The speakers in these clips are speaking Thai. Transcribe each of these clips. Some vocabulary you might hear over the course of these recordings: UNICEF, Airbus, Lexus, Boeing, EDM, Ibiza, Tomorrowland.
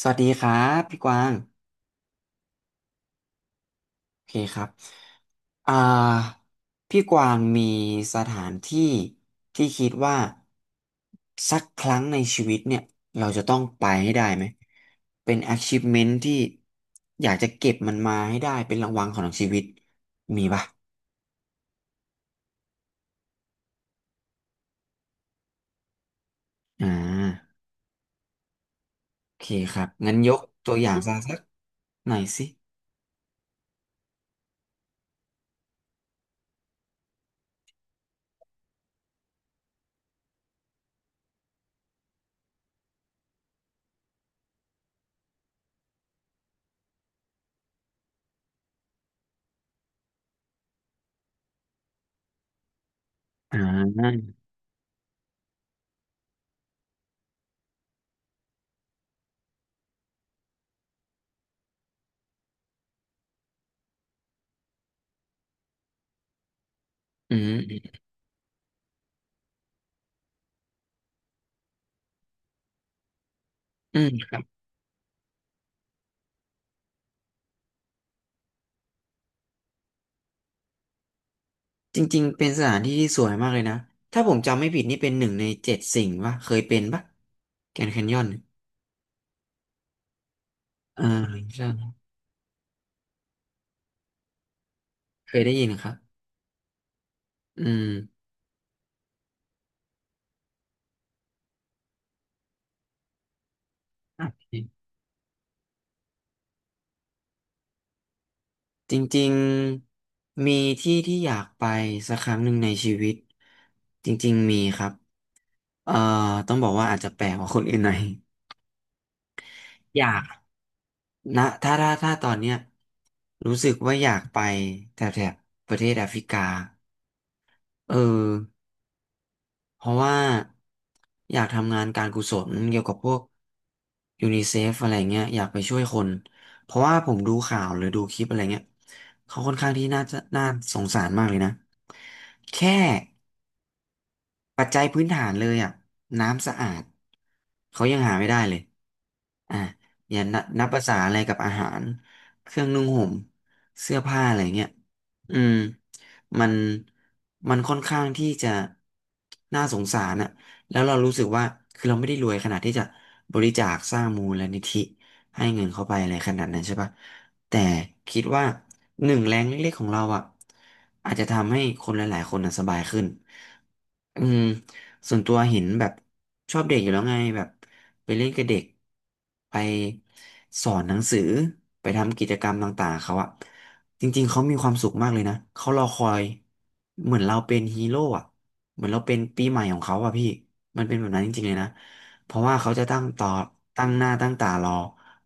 สวัสดีครับพี่กวางโอเคครับอ่าพี่กวางมีสถานที่ที่คิดว่าสักครั้งในชีวิตเนี่ยเราจะต้องไปให้ได้ไหมเป็น achievement ที่อยากจะเก็บมันมาให้ได้เป็นรางวัลของชีวิตมีป่ะอ่าโอเคครับงั้นยกตัวอย่างซะสักหน่อยสิอ่าอืมอืมอืมครับ จริงๆเป็นสถานที่ที่สวยมากเลยนะถ้าผมจำไม่ผิดนี่เป็นหนึ่งในเจ็ดสิ่งปะเคยเป็นปะแกรนด์แคนยอนอ่าใช่เคยได้ยินครับอืมโอ่ะจริงๆมีที่ที่อยากไปสักครั้งหนึ่งในชีวิตจริงๆมีครับเอ่อต้องบอกว่าอาจจะแปลกกว่าคนอื่นหน่อย อยากนะถ้าตอนเนี้ยรู้สึกว่าอยากไปแถบประเทศแอฟริกาเออ เพราะว่าอยากทำงานการกุศลเกี่ยวกับพวกยูนิเซฟอะไรเงี้ยอยากไปช่วยคนเพราะว่าผมดูข่าวหรือดูคลิปอะไรเงี้ยเขาค่อนข้างที่น่าจะน่าสงสารมากเลยนะแค่ ปัจจัยพื้นฐานเลยอ่ะน้ำสะอาดเขายังหาไม่ได้เลยอ่ะอย่านับภาษาอะไรกับอาหารเครื่องนุ่งห่มเสื้อผ้าอะไรเงี้ยอืมมันมันค่อนข้างที่จะน่าสงสารอะแล้วเรารู้สึกว่าคือเราไม่ได้รวยขนาดที่จะบริจาคสร้างมูลนิธิให้เงินเข้าไปอะไรขนาดนั้นใช่ปะแต่คิดว่าหนึ่งแรงเล็กๆของเราอะอาจจะทำให้คนหลายๆคนอะสบายขึ้น อืมส่วนตัวเห็นแบบชอบเด็กอยู่แล้วไงแบบไปเล่นกับเด็กไปสอนหนังสือไปทำกิจกรรมต่างๆเขาอะจริงๆเขามีความสุขมากเลยนะเขารอคอยเหมือนเราเป็นฮีโร่อะเหมือนเราเป็นปีใหม่ของเขาอะพี่มันเป็นแบบนั้นจริงๆเลยนะเพราะว่าเขาจะตั้งหน้าตั้งตารอ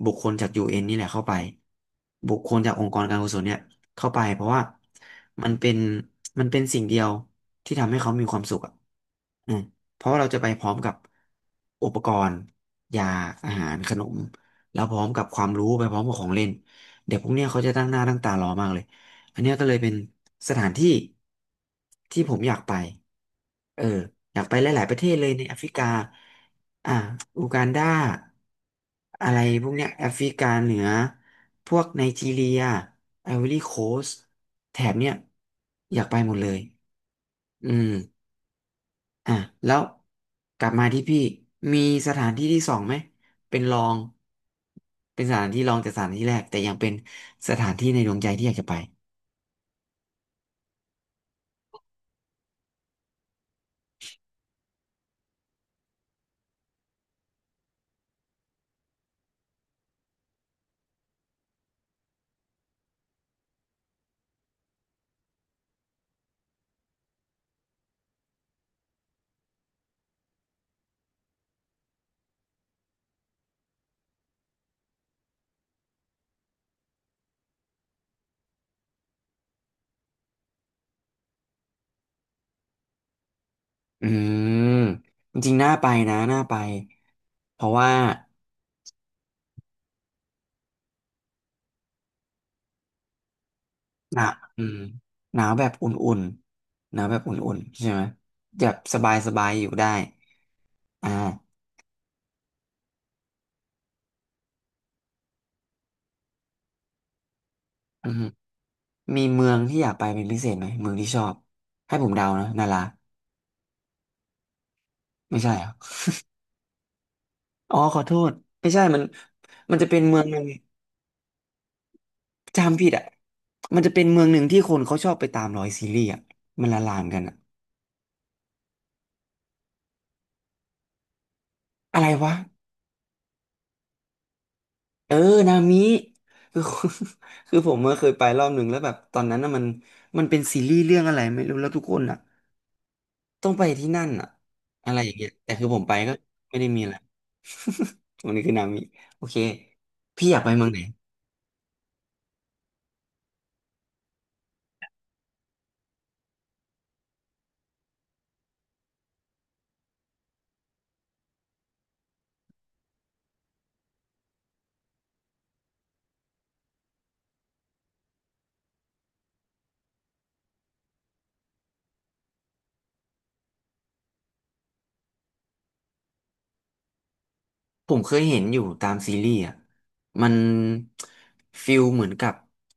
บุคคลจากยูเอ็นนี่แหละเข้าไปบุคคลจากองค์กรการกุศลเนี่ย เข้าไปเพราะว่ามันเป็นมันเป็นสิ่งเดียวที่ทำให้เขามีความสุขอ่ะอืมเพราะว่าเราจะไปพร้อมกับอุปกรณ์ยาอาหารขนมแล้วพร้อมกับความรู้ไปพร้อมกับของเล่นเด็กพวกเนี้ยเขาจะตั้งหน้าตั้งตารอมากเลยอันเนี้ยก็เลยเป็นสถานที่ที่ผมอยากไปเอออยากไปหลายๆประเทศเลยในแอฟริกาอ่าอูกันดาอะไรพวกเนี้ยแอฟริกาเหนือ พวกไนจีเรียไอวอรี่โคสต์แถบเนี้ยอยากไปหมดเลยอืมอ่ะแล้วกลับมาที่พี่ มีสถานที่ที่สองไหม เป็นรอง เป็นสถานที่รองจากสถานที่แรก แต่ยังเป็นสถานที่ในดวงใจที่อยากจะไป อืม จริงๆน่าไปนะ น่าไป เพราะว่า หนาวอืมหนาวแบบอุ่นๆหนาวแบบอุ่นๆใช่ไหมแบบสบายๆ อยู่ได้อ่าอืม มีเมืองที่อยากไปเป็นพิเศษไหมเมืองที่ชอบให้ผมเดานะนาราไม่ใช่เหรออ๋อขอโทษไม่ใช่มันมันจะเป็นเมืองหนึ่งจำผิดอ่ะมันจะเป็นเมืองหนึ่งที่คนเขาชอบไปตามรอยซีรีส์อ่ะมันละลานกันอ่ะอะไรวะเออนามิคือ คือผมเมื่อเคยไปรอบหนึ่งแล้วแบบตอนนั้นน่ะมันมันเป็นซีรีส์เรื่องอะไรไม่รู้แล้วทุกคนอ่ะต้องไปที่นั่นอ่ะอะไรอย่างเงี้ยแต่คือผมไปก็ไม่ได้มีอะไร วันนี้คือนามิโอเคพี่อยากไปเมืองไหน ผมเคยเห็นอยู่ตามซีรีส์อ่ะมันฟิลเหมือนกับ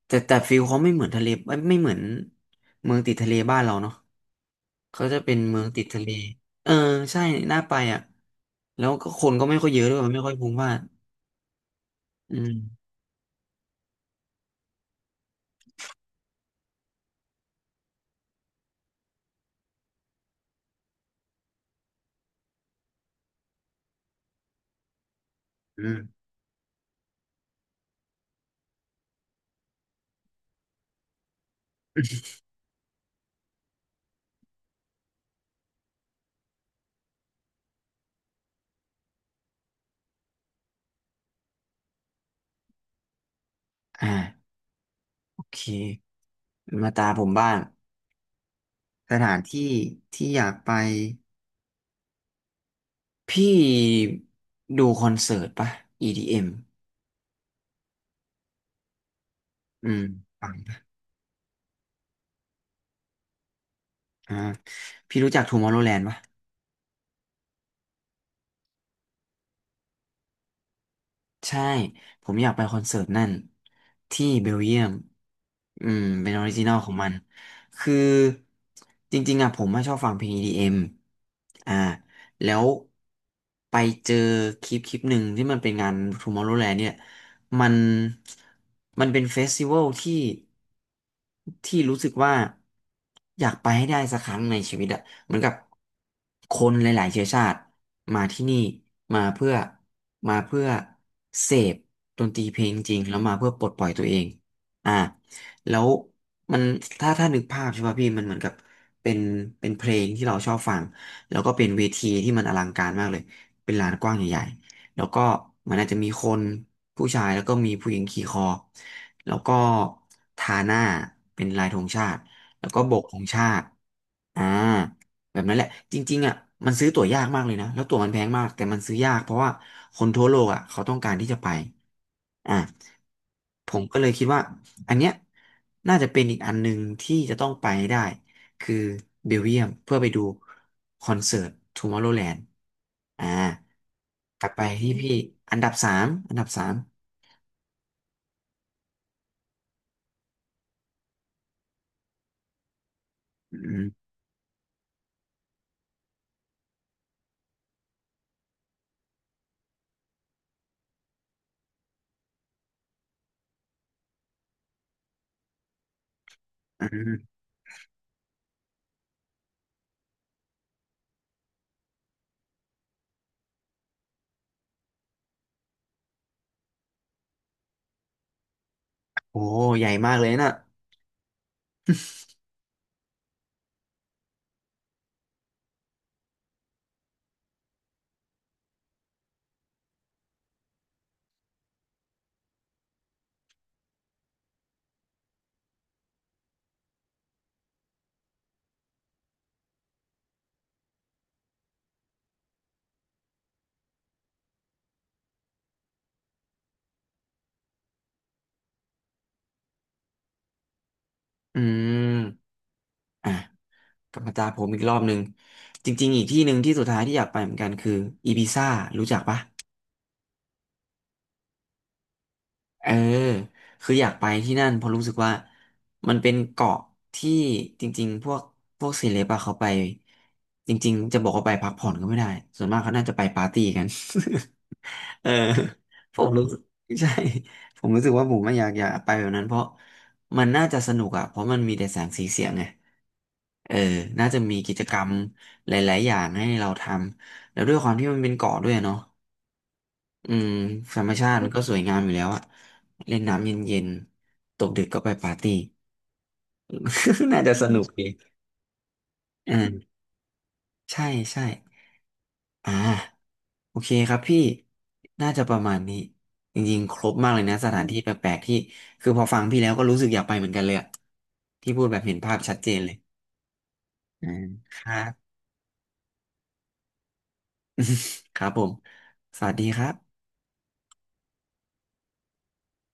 แต่ฟิลเขาไม่เหมือนทะเลไม่เหมือนเมืองติดทะเลบ้านเราเนาะเขาจะเป็นเมืองติดทะเลเออใช่น่าไปอ่ะแล้วก็คนก็ไม่ค่อยเยอะด้วยมันไม่ค่อยพลุกพล่านอืมอืมอ่าโอเคมาตาผมบ้างสถานที่ที่อยากไปพี่ดูคอนเสิร์ตปะ EDM อมอืม อ่าพี่รู้จัก Tomorrowland ปะใช่ผมอยากไปคอนเสิร์ตนั่นที่เบลเยียมอืมเป็นออริจินอลของมันคือจริงๆอ่ะผมไม่ชอบฟังเพลง EDM อมอ่าแล้วไปเจอคลิปหนึ่งที่มันเป็นงาน Tomorrowland เนี่ย มันมันเป็นเฟสติวัลที่รู้สึกว่าอยากไปให้ได้สักครั้งในชีวิตอะเหมือนกับคนหลายๆเชื้อชาติมาที่นี่มาเพื่อมาเพื่อเสพดนตรีเพลงจริงแล้วมาเพื่อปลดปล่อยตัวเองอ่าแล้วมันถ้านึกภาพใช่ป่ะพี่มันเหมือนกับเป็นเป็นเพลงที่เราชอบฟังแล้วก็เป็นเวทีที่มันอลังการมากเลยเป็นลานกว้างใหญ่ แล้วก็มันอาจจะมีคนผู้ชายแล้วก็มีผู้หญิงขี่คอแล้วก็ทาหน้าเป็นลายธงชาติแล้วก็โบกธงชาติอ่าแบบนั้นแหละจริงๆอ่ะมันซื้อตั๋วยากมากเลยนะแล้วตั๋วมันแพงมากแต่มันซื้อยากเพราะว่าคนทั่วโลกอ่ะเขาต้องการที่จะไปอ่าผมก็เลยคิดว่าอันเนี้ยน่าจะเป็นอีกอันหนึ่งที่จะต้องไปให้ได้ คือเบลเยียมเพื่อไปดูคอนเสิร์ตทูมอร์โ o แลนด์อ่ากลับไปที่พี่อันดับสามอืมอืมโอ้ใหญ่มากเลยนะอืมอ่ะกลับมาตาผมอีกรอบหนึ่งจริงๆอีกที่หนึ่งที่สุดท้ายที่อยากไปเหมือนกันคืออีบิซ่ารู้จักปะ เออคืออยากไปที่นั่นเพราะรู้สึกว่ามันเป็นเกาะที่จริงๆพวกเซเลบอะเขาไปจริงๆจะบอกว่าไปพักผ่อนก็ไม่ได้ส่วนมากเขาน่าจะไปปาร์ตี้กัน เออผมรู้สึกใช่ผมรู้สึกว่าผมไม่อยากอยากไปแบบนั้นเพราะมันน่าจะสนุกอะเพราะมันมีแต่แสงสีเสียงไงเออน่าจะมีกิจกรรมหลายๆอย่างให้เราทำแล้วด้วยความที่มันเป็นเกาะด้วยเนาะ อืมธรรมชาติมันก็สวยงามอยู่แล้วอะเล่นน้ำเย็นๆตกดึกก็ไปปาร์ตี้ น่าจะสนุกดีอ่าใช่ใช่อ่าโอเคครับพี่น่าจะประมาณนี้จริงๆครบมากเลยนะสถานที่แปลกๆที่คือพอฟังพี่แล้วก็รู้สึกอยากไปเหมือนกันเลยอะที่พูดแบบเห็นภาพชัดเจนเลยอ่าครับครับผมสวัสดีครับ